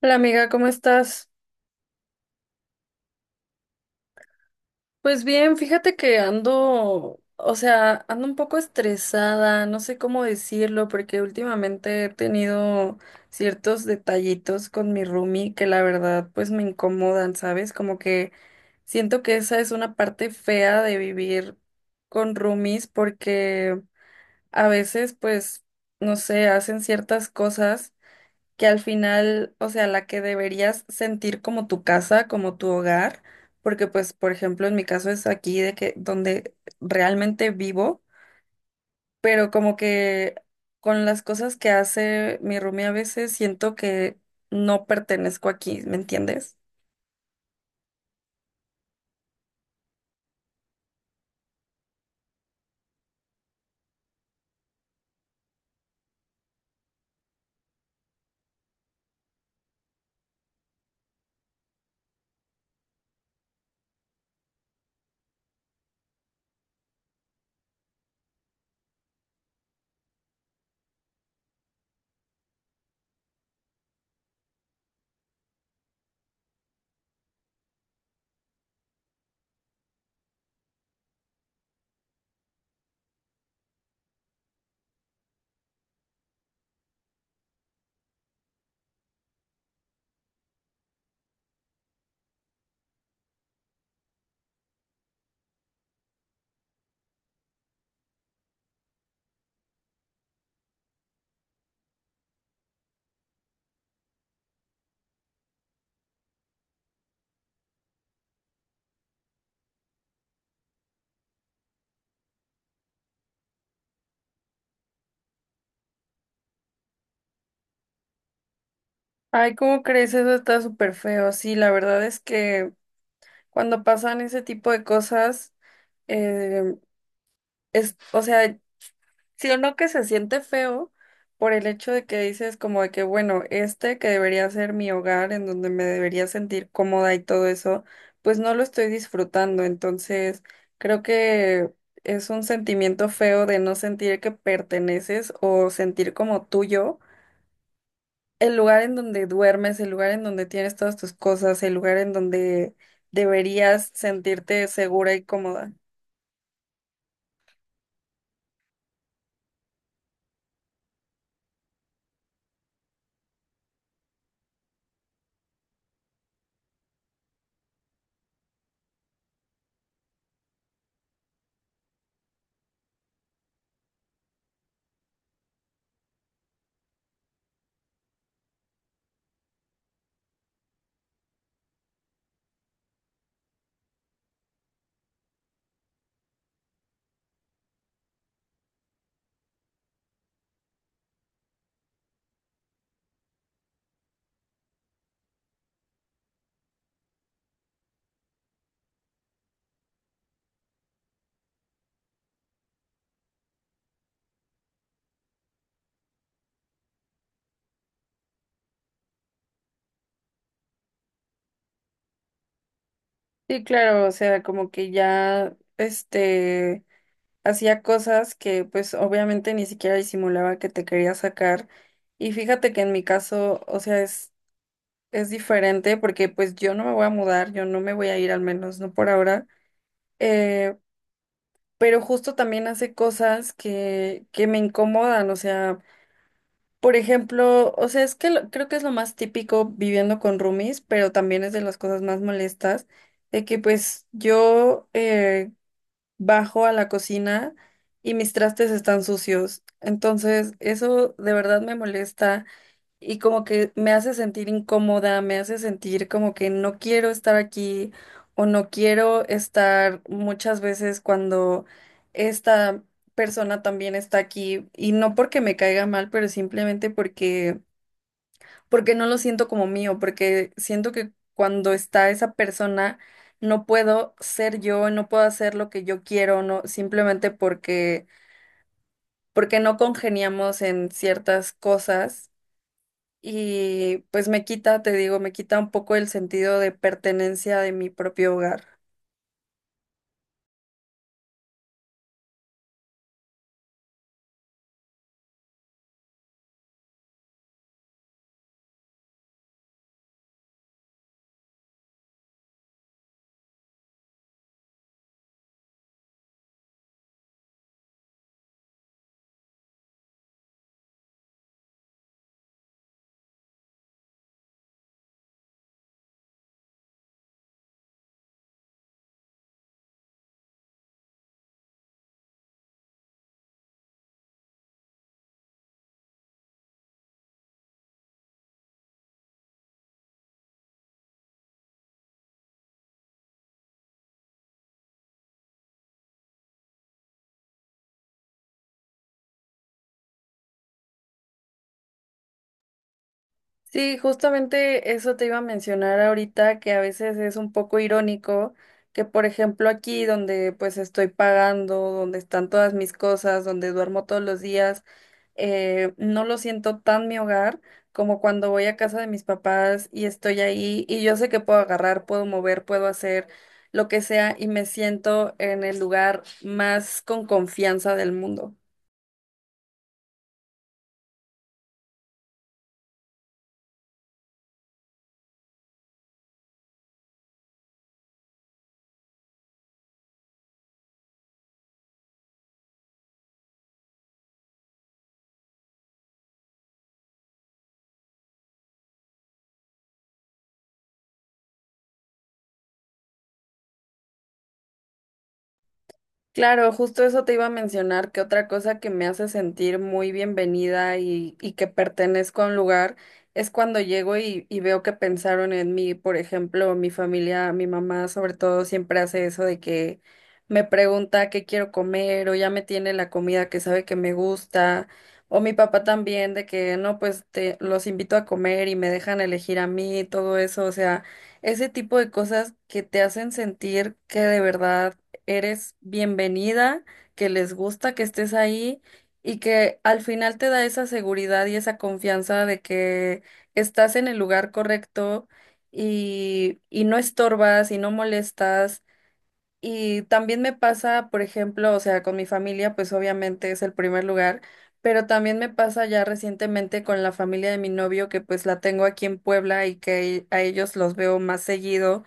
Hola amiga, ¿cómo estás? Pues bien, fíjate que ando, o sea, ando un poco estresada, no sé cómo decirlo, porque últimamente he tenido ciertos detallitos con mi roomie que la verdad pues me incomodan, ¿sabes? Como que siento que esa es una parte fea de vivir con roomies porque a veces pues, no sé, hacen ciertas cosas que al final, o sea, la que deberías sentir como tu casa, como tu hogar, porque pues, por ejemplo, en mi caso es aquí de que donde realmente vivo, pero como que con las cosas que hace mi roomie a veces siento que no pertenezco aquí, ¿me entiendes? Ay, ¿cómo crees? Eso está súper feo. Sí, la verdad es que cuando pasan ese tipo de cosas, es, o sea, sí o no que se siente feo por el hecho de que dices como de que, bueno, este que debería ser mi hogar, en donde me debería sentir cómoda y todo eso, pues no lo estoy disfrutando. Entonces, creo que es un sentimiento feo de no sentir que perteneces o sentir como tuyo el lugar en donde duermes, el lugar en donde tienes todas tus cosas, el lugar en donde deberías sentirte segura y cómoda. Sí, claro, o sea, como que ya, este, hacía cosas que pues obviamente ni siquiera disimulaba que te quería sacar. Y fíjate que en mi caso, o sea, es diferente porque pues yo no me voy a mudar, yo no me voy a ir al menos, no por ahora. Eh, pero justo también hace cosas que me incomodan, o sea, por ejemplo, o sea, es que lo- creo que es lo más típico viviendo con roomies, pero también es de las cosas más molestas de que pues yo bajo a la cocina y mis trastes están sucios. Entonces, eso de verdad me molesta y como que me hace sentir incómoda, me hace sentir como que no quiero estar aquí o no quiero estar muchas veces cuando esta persona también está aquí y no porque me caiga mal, pero simplemente porque no lo siento como mío, porque siento que cuando está esa persona no puedo ser yo, no puedo hacer lo que yo quiero, no, simplemente porque no congeniamos en ciertas cosas y pues me quita, te digo, me quita un poco el sentido de pertenencia de mi propio hogar. Sí, justamente eso te iba a mencionar ahorita, que a veces es un poco irónico que, por ejemplo, aquí donde pues estoy pagando, donde están todas mis cosas, donde duermo todos los días, no lo siento tan mi hogar como cuando voy a casa de mis papás y estoy ahí y yo sé que puedo agarrar, puedo mover, puedo hacer lo que sea y me siento en el lugar más con confianza del mundo. Claro, justo eso te iba a mencionar, que otra cosa que me hace sentir muy bienvenida y que pertenezco a un lugar es cuando llego y veo que pensaron en mí. Por ejemplo, mi familia, mi mamá sobre todo siempre hace eso de que me pregunta qué quiero comer o ya me tiene la comida que sabe que me gusta. O mi papá también de que no, pues te, los invito a comer y me dejan elegir a mí, todo eso. O sea, ese tipo de cosas que te hacen sentir que de verdad eres bienvenida, que les gusta que estés ahí y que al final te da esa seguridad y esa confianza de que estás en el lugar correcto y no estorbas y no molestas. Y también me pasa, por ejemplo, o sea, con mi familia, pues obviamente es el primer lugar, pero también me pasa ya recientemente con la familia de mi novio, que pues la tengo aquí en Puebla y que a ellos los veo más seguido.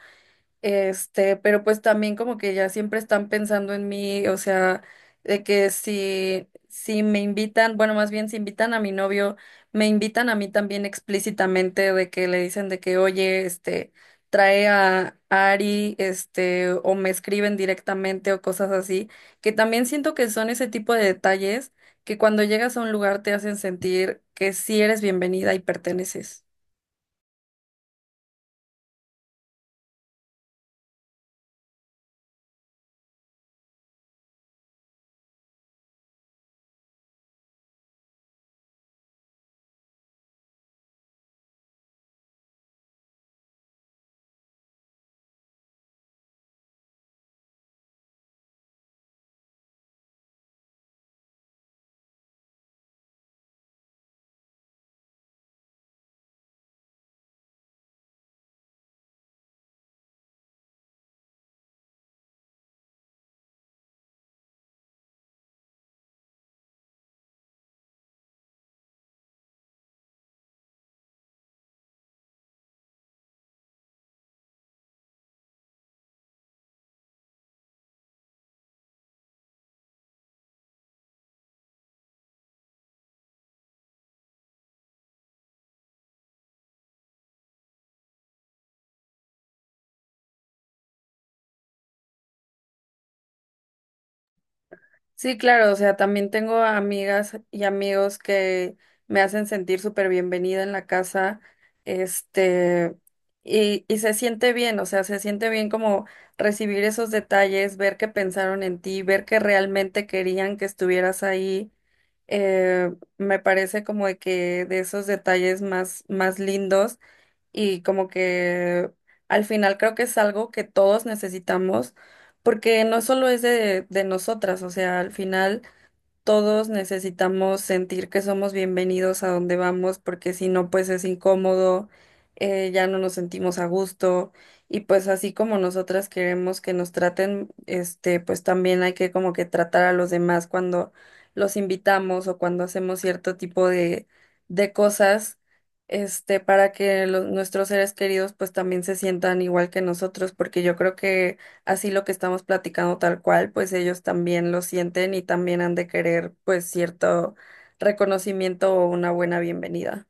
Este, pero pues también como que ya siempre están pensando en mí, o sea, de que si me invitan, bueno, más bien si invitan a mi novio, me invitan a mí también explícitamente de que le dicen de que, oye, este, trae a Ari, este, o me escriben directamente o cosas así, que también siento que son ese tipo de detalles que cuando llegas a un lugar te hacen sentir que sí eres bienvenida y perteneces. Sí, claro, o sea, también tengo amigas y amigos que me hacen sentir súper bienvenida en la casa, este, y se siente bien, o sea, se siente bien como recibir esos detalles, ver que pensaron en ti, ver que realmente querían que estuvieras ahí, me parece como de que de esos detalles más, más lindos y como que al final creo que es algo que todos necesitamos porque no solo es de nosotras, o sea, al final todos necesitamos sentir que somos bienvenidos a donde vamos, porque si no, pues es incómodo, ya no nos sentimos a gusto, y pues así como nosotras queremos que nos traten, este, pues también hay que como que tratar a los demás cuando los invitamos o cuando hacemos cierto tipo de cosas, este, para que los- nuestros seres queridos pues también se sientan igual que nosotros, porque yo creo que así lo que estamos platicando tal cual, pues ellos también lo sienten y también han de querer pues cierto reconocimiento o una buena bienvenida.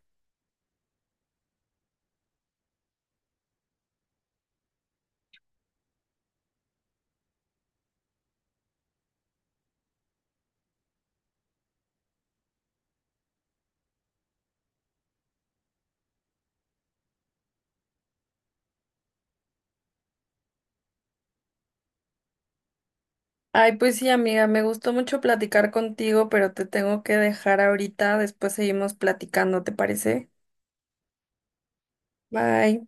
Ay, pues sí, amiga, me gustó mucho platicar contigo, pero te tengo que dejar ahorita, después seguimos platicando, ¿te parece? Bye.